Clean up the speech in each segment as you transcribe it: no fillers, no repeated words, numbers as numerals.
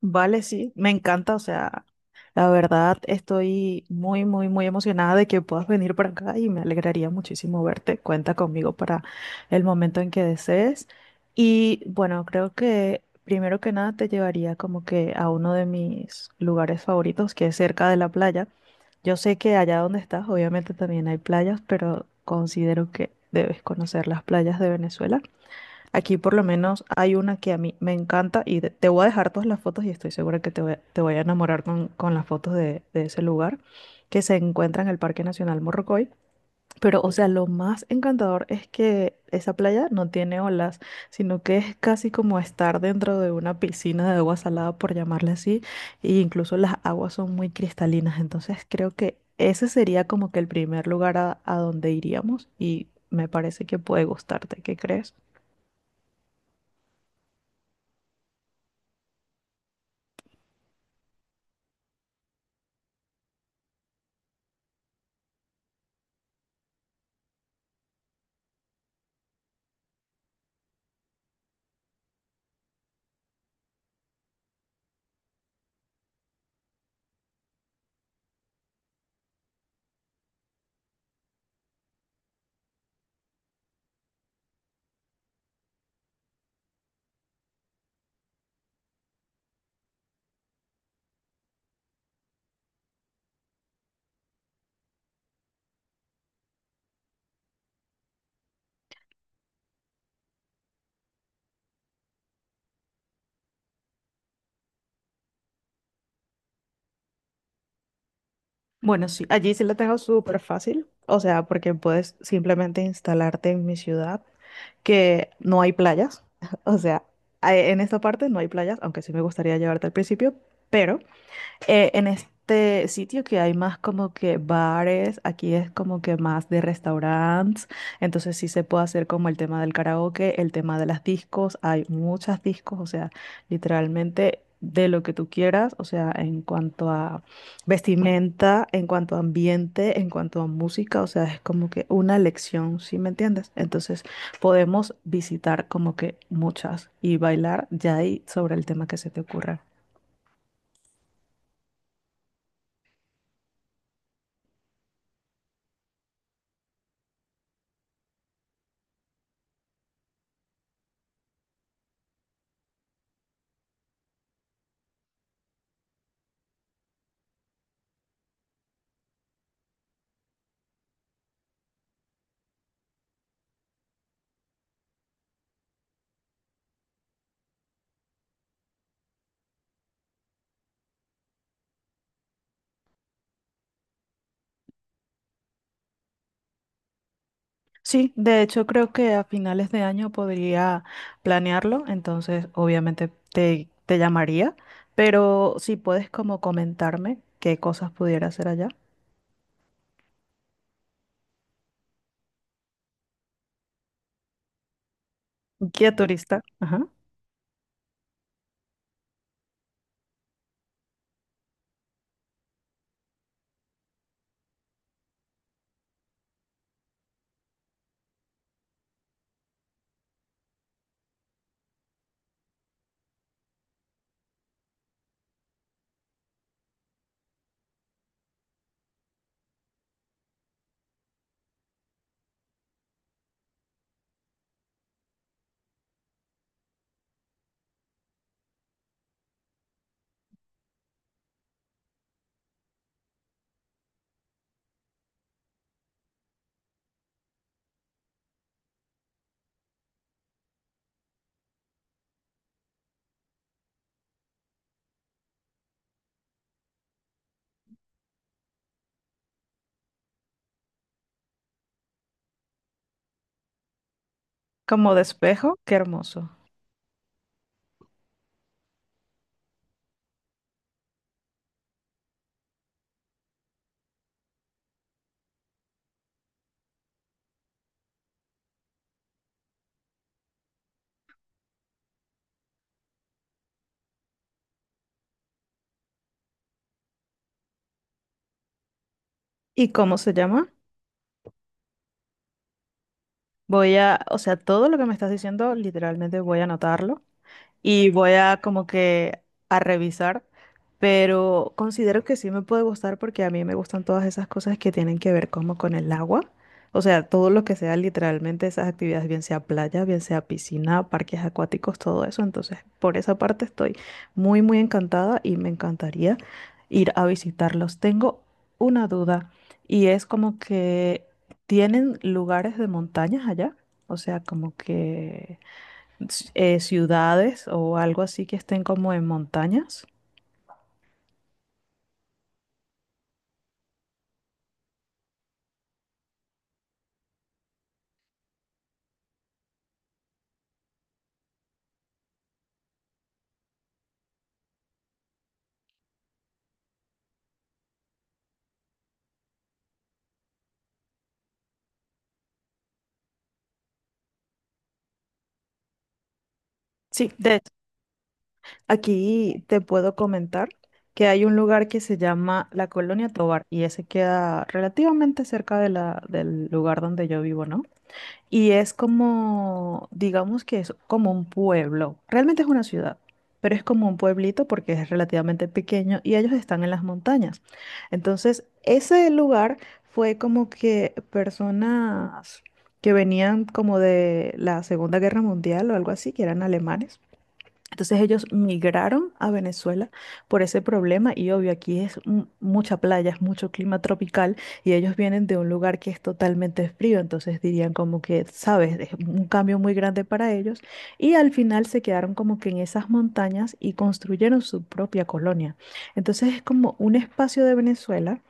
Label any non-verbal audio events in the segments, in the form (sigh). Vale, sí, me encanta, o sea, la verdad estoy muy emocionada de que puedas venir para acá y me alegraría muchísimo verte. Cuenta conmigo para el momento en que desees. Y bueno, creo que primero que nada te llevaría como que a uno de mis lugares favoritos, que es cerca de la playa. Yo sé que allá donde estás, obviamente también hay playas, pero considero que debes conocer las playas de Venezuela. Aquí por lo menos hay una que a mí me encanta y te voy a dejar todas las fotos y estoy segura que te voy a enamorar con las fotos de ese lugar que se encuentra en el Parque Nacional Morrocoy. Pero, o sea, lo más encantador es que esa playa no tiene olas, sino que es casi como estar dentro de una piscina de agua salada, por llamarle así, e incluso las aguas son muy cristalinas. Entonces creo que ese sería como que el primer lugar a donde iríamos y me parece que puede gustarte. ¿Qué crees? Bueno, sí, allí sí la tengo súper fácil, o sea, porque puedes simplemente instalarte en mi ciudad, que no hay playas, (laughs) o sea, en esta parte no hay playas, aunque sí me gustaría llevarte al principio, pero en este sitio que hay más como que bares, aquí es como que más de restaurantes, entonces sí se puede hacer como el tema del karaoke, el tema de las discos, hay muchas discos, o sea, literalmente de lo que tú quieras, o sea, en cuanto a vestimenta, en cuanto a ambiente, en cuanto a música, o sea, es como que una lección, ¿sí me entiendes? Entonces podemos visitar como que muchas y bailar ya ahí sobre el tema que se te ocurra. Sí, de hecho creo que a finales de año podría planearlo, entonces obviamente te llamaría, pero si puedes como comentarme qué cosas pudiera hacer allá. Guía turista, ajá, como despejo, qué hermoso. ¿Y cómo se llama? Voy a, o sea, todo lo que me estás diciendo, literalmente voy a anotarlo y voy a como que a revisar, pero considero que sí me puede gustar porque a mí me gustan todas esas cosas que tienen que ver como con el agua. O sea, todo lo que sea literalmente esas actividades, bien sea playa, bien sea piscina, parques acuáticos, todo eso. Entonces, por esa parte estoy muy encantada y me encantaría ir a visitarlos. Tengo una duda y es como que tienen lugares de montañas allá. O sea, como que ciudades o algo así que estén como en montañas. Sí, de hecho, aquí te puedo comentar que hay un lugar que se llama La Colonia Tovar y ese queda relativamente cerca de del lugar donde yo vivo, ¿no? Y es como, digamos que es como un pueblo. Realmente es una ciudad, pero es como un pueblito porque es relativamente pequeño y ellos están en las montañas. Entonces, ese lugar fue como que personas que venían como de la Segunda Guerra Mundial o algo así, que eran alemanes, entonces ellos migraron a Venezuela por ese problema y obvio aquí es mucha playa, es mucho clima tropical y ellos vienen de un lugar que es totalmente frío, entonces dirían como que, sabes, es un cambio muy grande para ellos y al final se quedaron como que en esas montañas y construyeron su propia colonia. Entonces es como un espacio de Venezuela,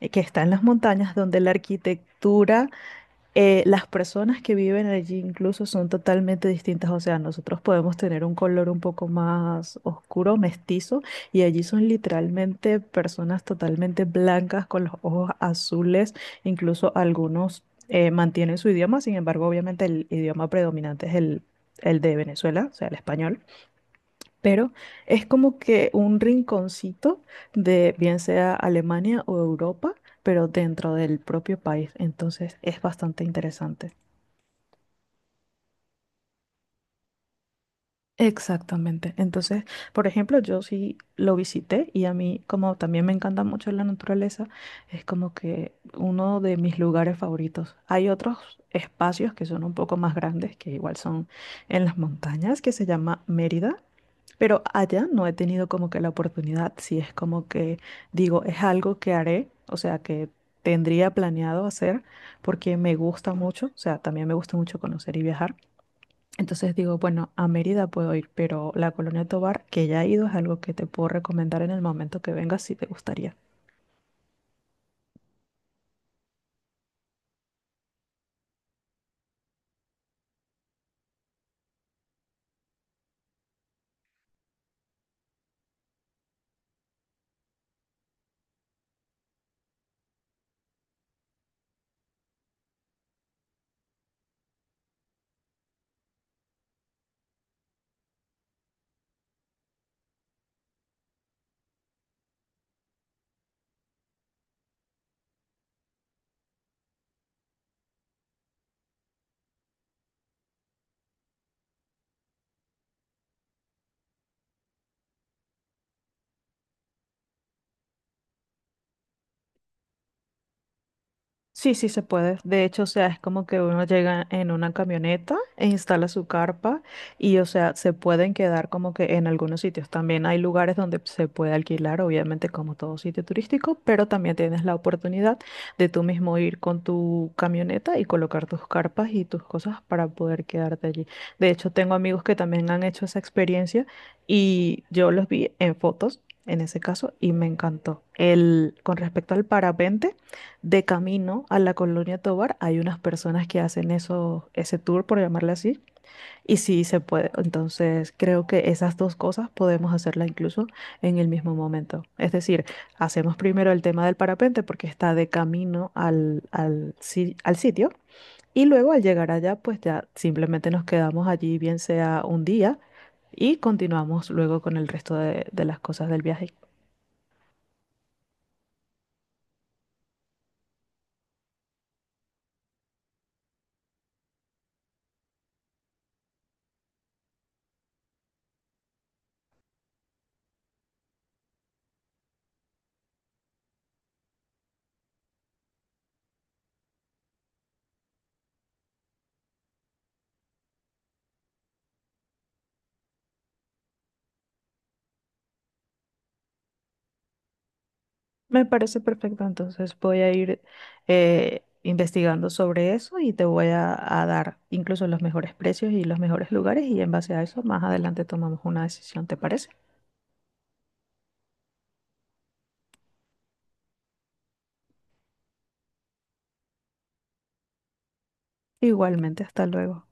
que está en las montañas donde la arquitectura, las personas que viven allí incluso son totalmente distintas. O sea, nosotros podemos tener un color un poco más oscuro, mestizo, y allí son literalmente personas totalmente blancas con los ojos azules. Incluso algunos mantienen su idioma, sin embargo, obviamente el idioma predominante es el de Venezuela, o sea, el español. Pero es como que un rinconcito de bien sea Alemania o Europa, pero dentro del propio país, entonces es bastante interesante. Exactamente. Entonces, por ejemplo, yo sí lo visité y a mí, como también me encanta mucho la naturaleza, es como que uno de mis lugares favoritos. Hay otros espacios que son un poco más grandes, que igual son en las montañas, que se llama Mérida, pero allá no he tenido como que la oportunidad, si es como que digo, es algo que haré, o sea, que tendría planeado hacer porque me gusta mucho, o sea, también me gusta mucho conocer y viajar, entonces digo, bueno, a Mérida puedo ir, pero la Colonia Tovar, que ya he ido, es algo que te puedo recomendar en el momento que vengas si te gustaría. Sí, sí se puede. De hecho, o sea, es como que uno llega en una camioneta e instala su carpa y, o sea, se pueden quedar como que en algunos sitios. También hay lugares donde se puede alquilar, obviamente, como todo sitio turístico, pero también tienes la oportunidad de tú mismo ir con tu camioneta y colocar tus carpas y tus cosas para poder quedarte allí. De hecho, tengo amigos que también han hecho esa experiencia y yo los vi en fotos. En ese caso, y me encantó. El, con respecto al parapente, de camino a la Colonia Tovar hay unas personas que hacen eso, ese tour, por llamarle así, y sí se puede. Entonces, creo que esas dos cosas podemos hacerlas incluso en el mismo momento. Es decir, hacemos primero el tema del parapente porque está de camino al, al, si- al sitio y luego al llegar allá, pues ya simplemente nos quedamos allí, bien sea un día, y continuamos luego con el resto de las cosas del viaje. Me parece perfecto, entonces voy a ir investigando sobre eso y te voy a dar incluso los mejores precios y los mejores lugares y en base a eso más adelante tomamos una decisión, ¿te parece? Igualmente, hasta luego.